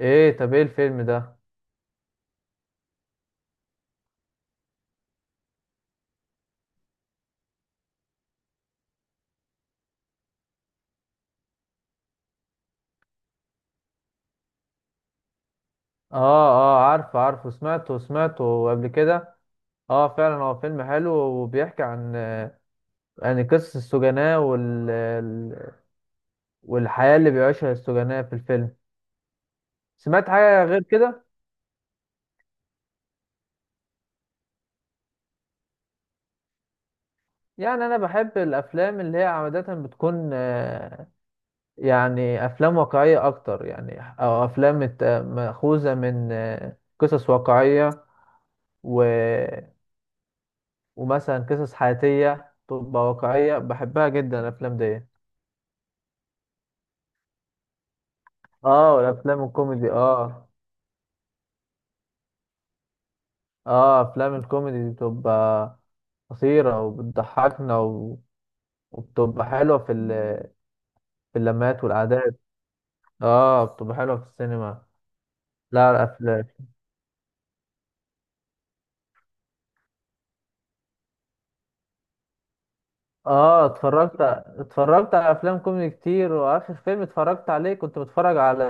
ايه؟ طب ايه الفيلم ده؟ اه، اه، عارفه، سمعته قبل كده. اه فعلا هو فيلم حلو وبيحكي عن يعني قصص السجناء والحياة اللي بيعيشها السجناء في الفيلم. سمعت حاجة غير كده؟ يعني انا بحب الافلام اللي هي عادة بتكون يعني افلام واقعية اكتر، يعني، او افلام مأخوذة من قصص واقعية و... ومثلا قصص حياتية تبقى واقعية، بحبها جدا الافلام دي. اه، والافلام الكوميدي، اه. اه افلام الكوميدي دي بتبقى قصيرة وبتضحكنا وبتبقى حلوة في في اللمات والعادات. اه بتبقى حلوة في السينما. لا الافلام. اه اتفرجت على افلام كوميدي كتير، واخر فيلم اتفرجت عليه كنت بتفرج على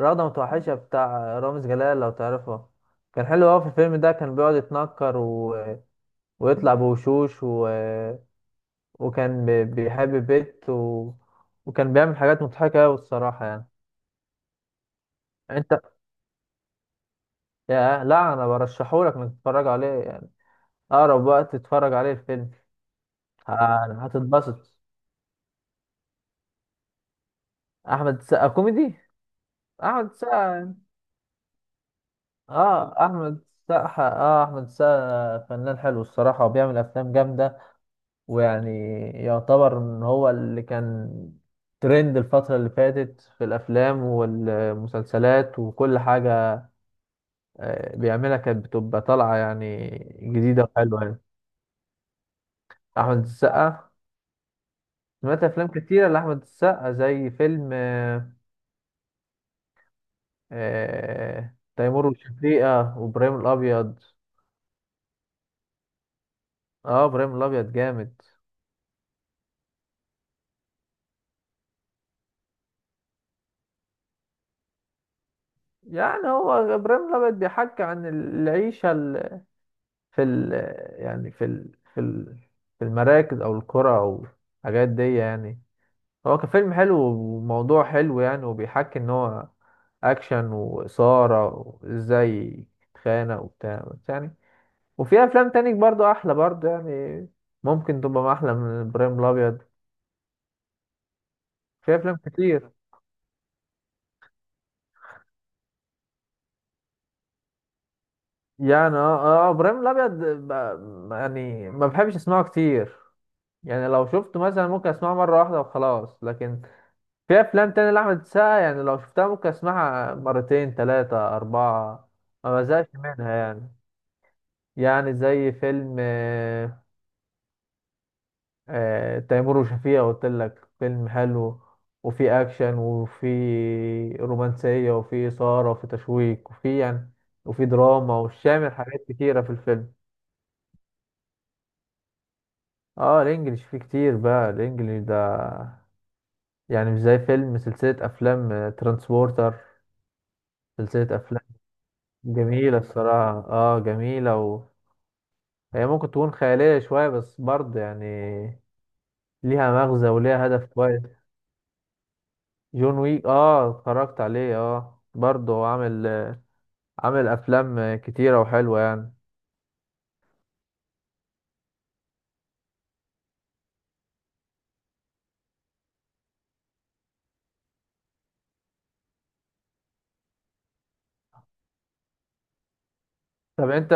رغدة متوحشة بتاع رامز جلال، لو تعرفه. كان حلو اوي. في الفيلم ده كان بيقعد يتنكر ويطلع بوشوش وكان بيحب بيت وكان بيعمل حاجات مضحكة أوي الصراحة يعني. يعني انت، يا لا، انا برشحهولك انك تتفرج عليه، يعني اقرب وقت تتفرج عليه الفيلم. هتتبسط. احمد السقا كوميدي؟ احمد السقا؟ اه احمد السقا. اه احمد السقا فنان حلو الصراحة، وبيعمل افلام جامدة، ويعني يعتبر ان هو اللي كان ترند الفترة اللي فاتت في الافلام والمسلسلات وكل حاجة بيعملها كانت بتبقى طالعة، يعني جديدة وحلوة يعني. أحمد السقا، سمعت أفلام كتيرة لأحمد السقا زي فيلم تيمور وشفيقة وإبراهيم الأبيض. اه إبراهيم الأبيض جامد. يعني هو إبراهيم الأبيض بيحكي عن العيشة في ال، يعني في ال، في المراكز أو القرى أو الحاجات دي يعني. هو كفيلم حلو وموضوع حلو يعني، وبيحكي ان هو اكشن واثاره، وازاي تتخانق وبتاع بس يعني. وفي افلام تاني برضو احلى برضو يعني، ممكن تبقى احلى من ابراهيم الابيض، في افلام كتير. يعني اه، اه، ابراهيم الابيض يعني ما بحبش اسمعه كتير، يعني لو شفته مثلا ممكن اسمعه مره واحده وخلاص، لكن في افلام تاني لاحمد السقا يعني لو شفتها ممكن اسمعها مرتين ثلاثه اربعه، ما بزهقش منها يعني. يعني زي فيلم تيمور وشفيقة، قلت لك فيلم حلو، وفي اكشن وفي رومانسية وفي إثارة وفي تشويق وفي يعني وفي دراما، وشامل حاجات كتيرة في الفيلم. اه الانجليش فيه كتير بقى، الانجليش ده، يعني مش زي فيلم، سلسلة افلام ترانسبورتر. سلسلة افلام جميلة الصراحة، اه جميلة هي ممكن تكون خيالية شوية بس برضه يعني، ليها مغزى وليها هدف كويس. جون ويك اه اتفرجت عليه. اه برضه هو عامل، عامل افلام كتيرة وحلوة يعني. طب انت،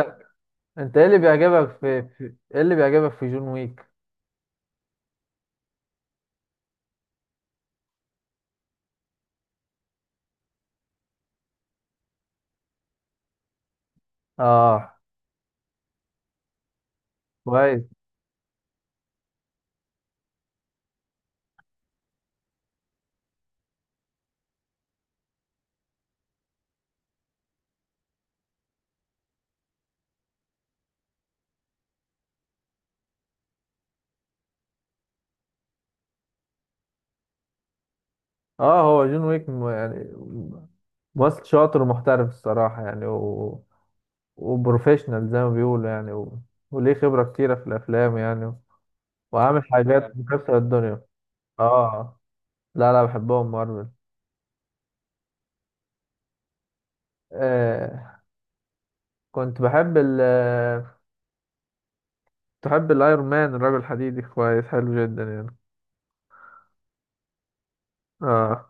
انت ايه اللي بيعجبك في, في ايه اللي بيعجبك في جون ويك؟ اه كويس. اه هو جون ويك يعني ممثل شاطر ومحترف الصراحة يعني وبروفيشنال زي ما بيقولوا يعني وليه خبرة كتيرة في الافلام يعني، وعامل حاجات مكسرة الدنيا. اه. لا، لا بحبهم مارفل. آه كنت بحب ال، تحب الايرون مان الرجل الحديدي، كويس حلو جدا يعني. اه،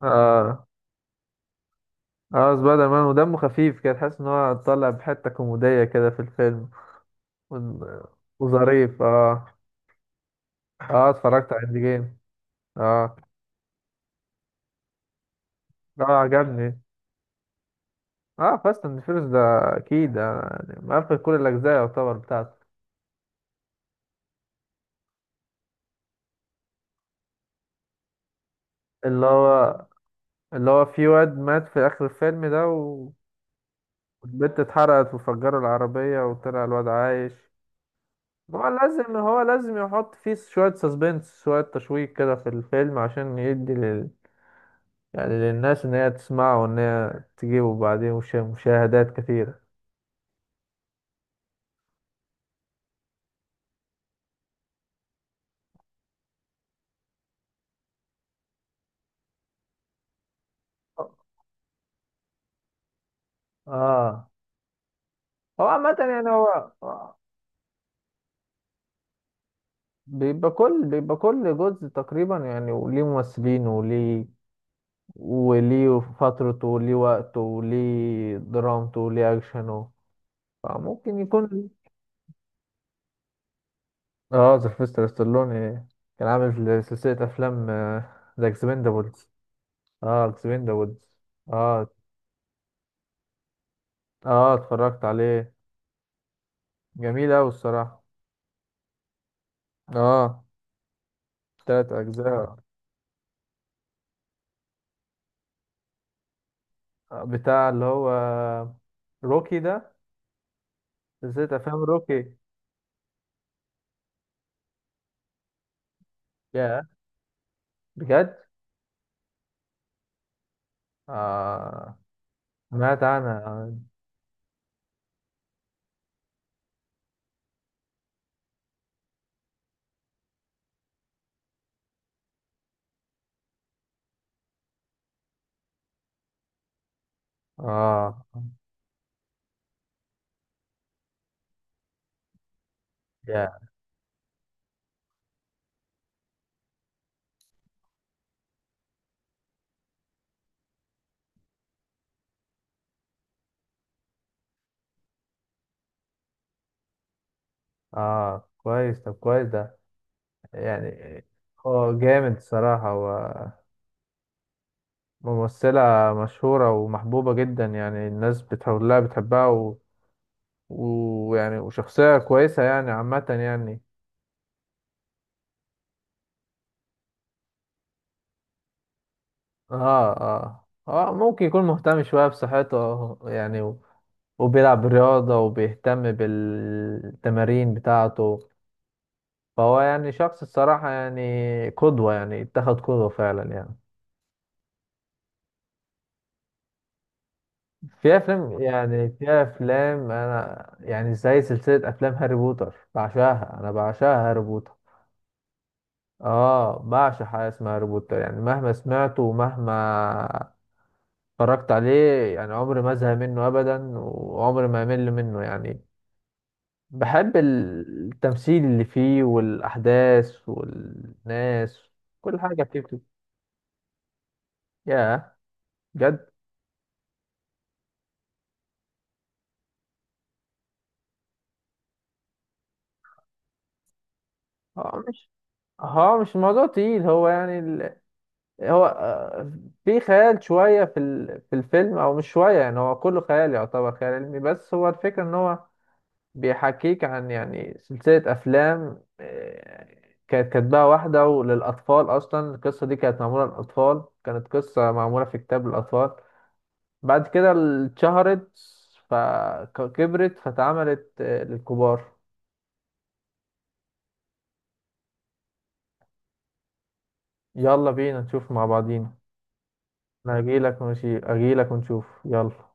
اه، اه سبايدر مان ودمه خفيف كده، تحس ان هو طالع بحته كوميديه كده في الفيلم و- وظريف اه. اه اتفرجت على اند جيم. اه، اه عجبني. اه فاست اند فيرس ده اكيد يعني مقفل كل الاجزاء يعتبر بتاعته. اللي هو، اللي هو في واد مات في اخر الفيلم ده والبت اتحرقت وفجروا العربيه وطلع الواد عايش. ما هو لازم، هو لازم يحط فيه شوية سسبنس، شوية تشويق كده في الفيلم عشان يدي يعني للناس إن هي تسمعه وإن هي تجيبه بعدين مشاهدات كثيرة. آه هو عامة يعني، هو بيبقى كل جزء تقريبا يعني، وليه ممثلين وليه، وليه فترته وليه وقته وليه درامته وليه أكشنه، فممكن يكون. اه سيلفستر ستالوني كان عامل سلسلة أفلام ذا اكسبندابلز. اه اكسبين ذا وودز اه. اه اتفرجت عليه. جميل اوي الصراحة. اه تلات اجزاء. بتاع اللي هو روكي ده، سلسلة افلام روكي. يا، بجد؟ اه سمعت عنها. اه، يا، اه كويس، طب كويس ده، يعني هو جامد الصراحة، وممثلة مشهورة ومحبوبة جدا يعني، الناس بتحولها بتحبها ويعني وشخصية كويسة يعني عامة يعني. اه، اه، اه ممكن يكون مهتم شوية بصحته يعني وبيلعب رياضة وبيهتم بالتمارين بتاعته، فهو يعني شخص الصراحة يعني قدوة، يعني اتخذ قدوة فعلا يعني. في أفلام يعني، في أفلام أنا يعني زي سلسلة أفلام هاري بوتر، بعشاها أنا، بعشاها هاري بوتر. اه بعشق حاجة اسمها هاري بوتر، يعني مهما سمعته ومهما اتفرجت عليه يعني عمري ما ازهق منه أبدا، وعمري ما أمل منه يعني. بحب التمثيل اللي فيه والأحداث والناس، كل حاجة فيه بتبقى. يا بجد؟ هو مش هو مش الموضوع تقيل، هو يعني هو في خيال شوية في في الفيلم، أو مش شوية يعني، هو كله خيال يعتبر، خيال علمي. بس هو الفكرة إن هو بيحكيك عن، يعني سلسلة أفلام كانت كاتباها واحدة وللأطفال. أصلا القصة دي كانت معمولة للأطفال، كانت قصة معمولة في كتاب للأطفال. بعد كده اتشهرت فكبرت فتعملت للكبار. يلا بينا نشوف مع بعضينا. انا اجيلك، ماشي اجيلك ونشوف يلا.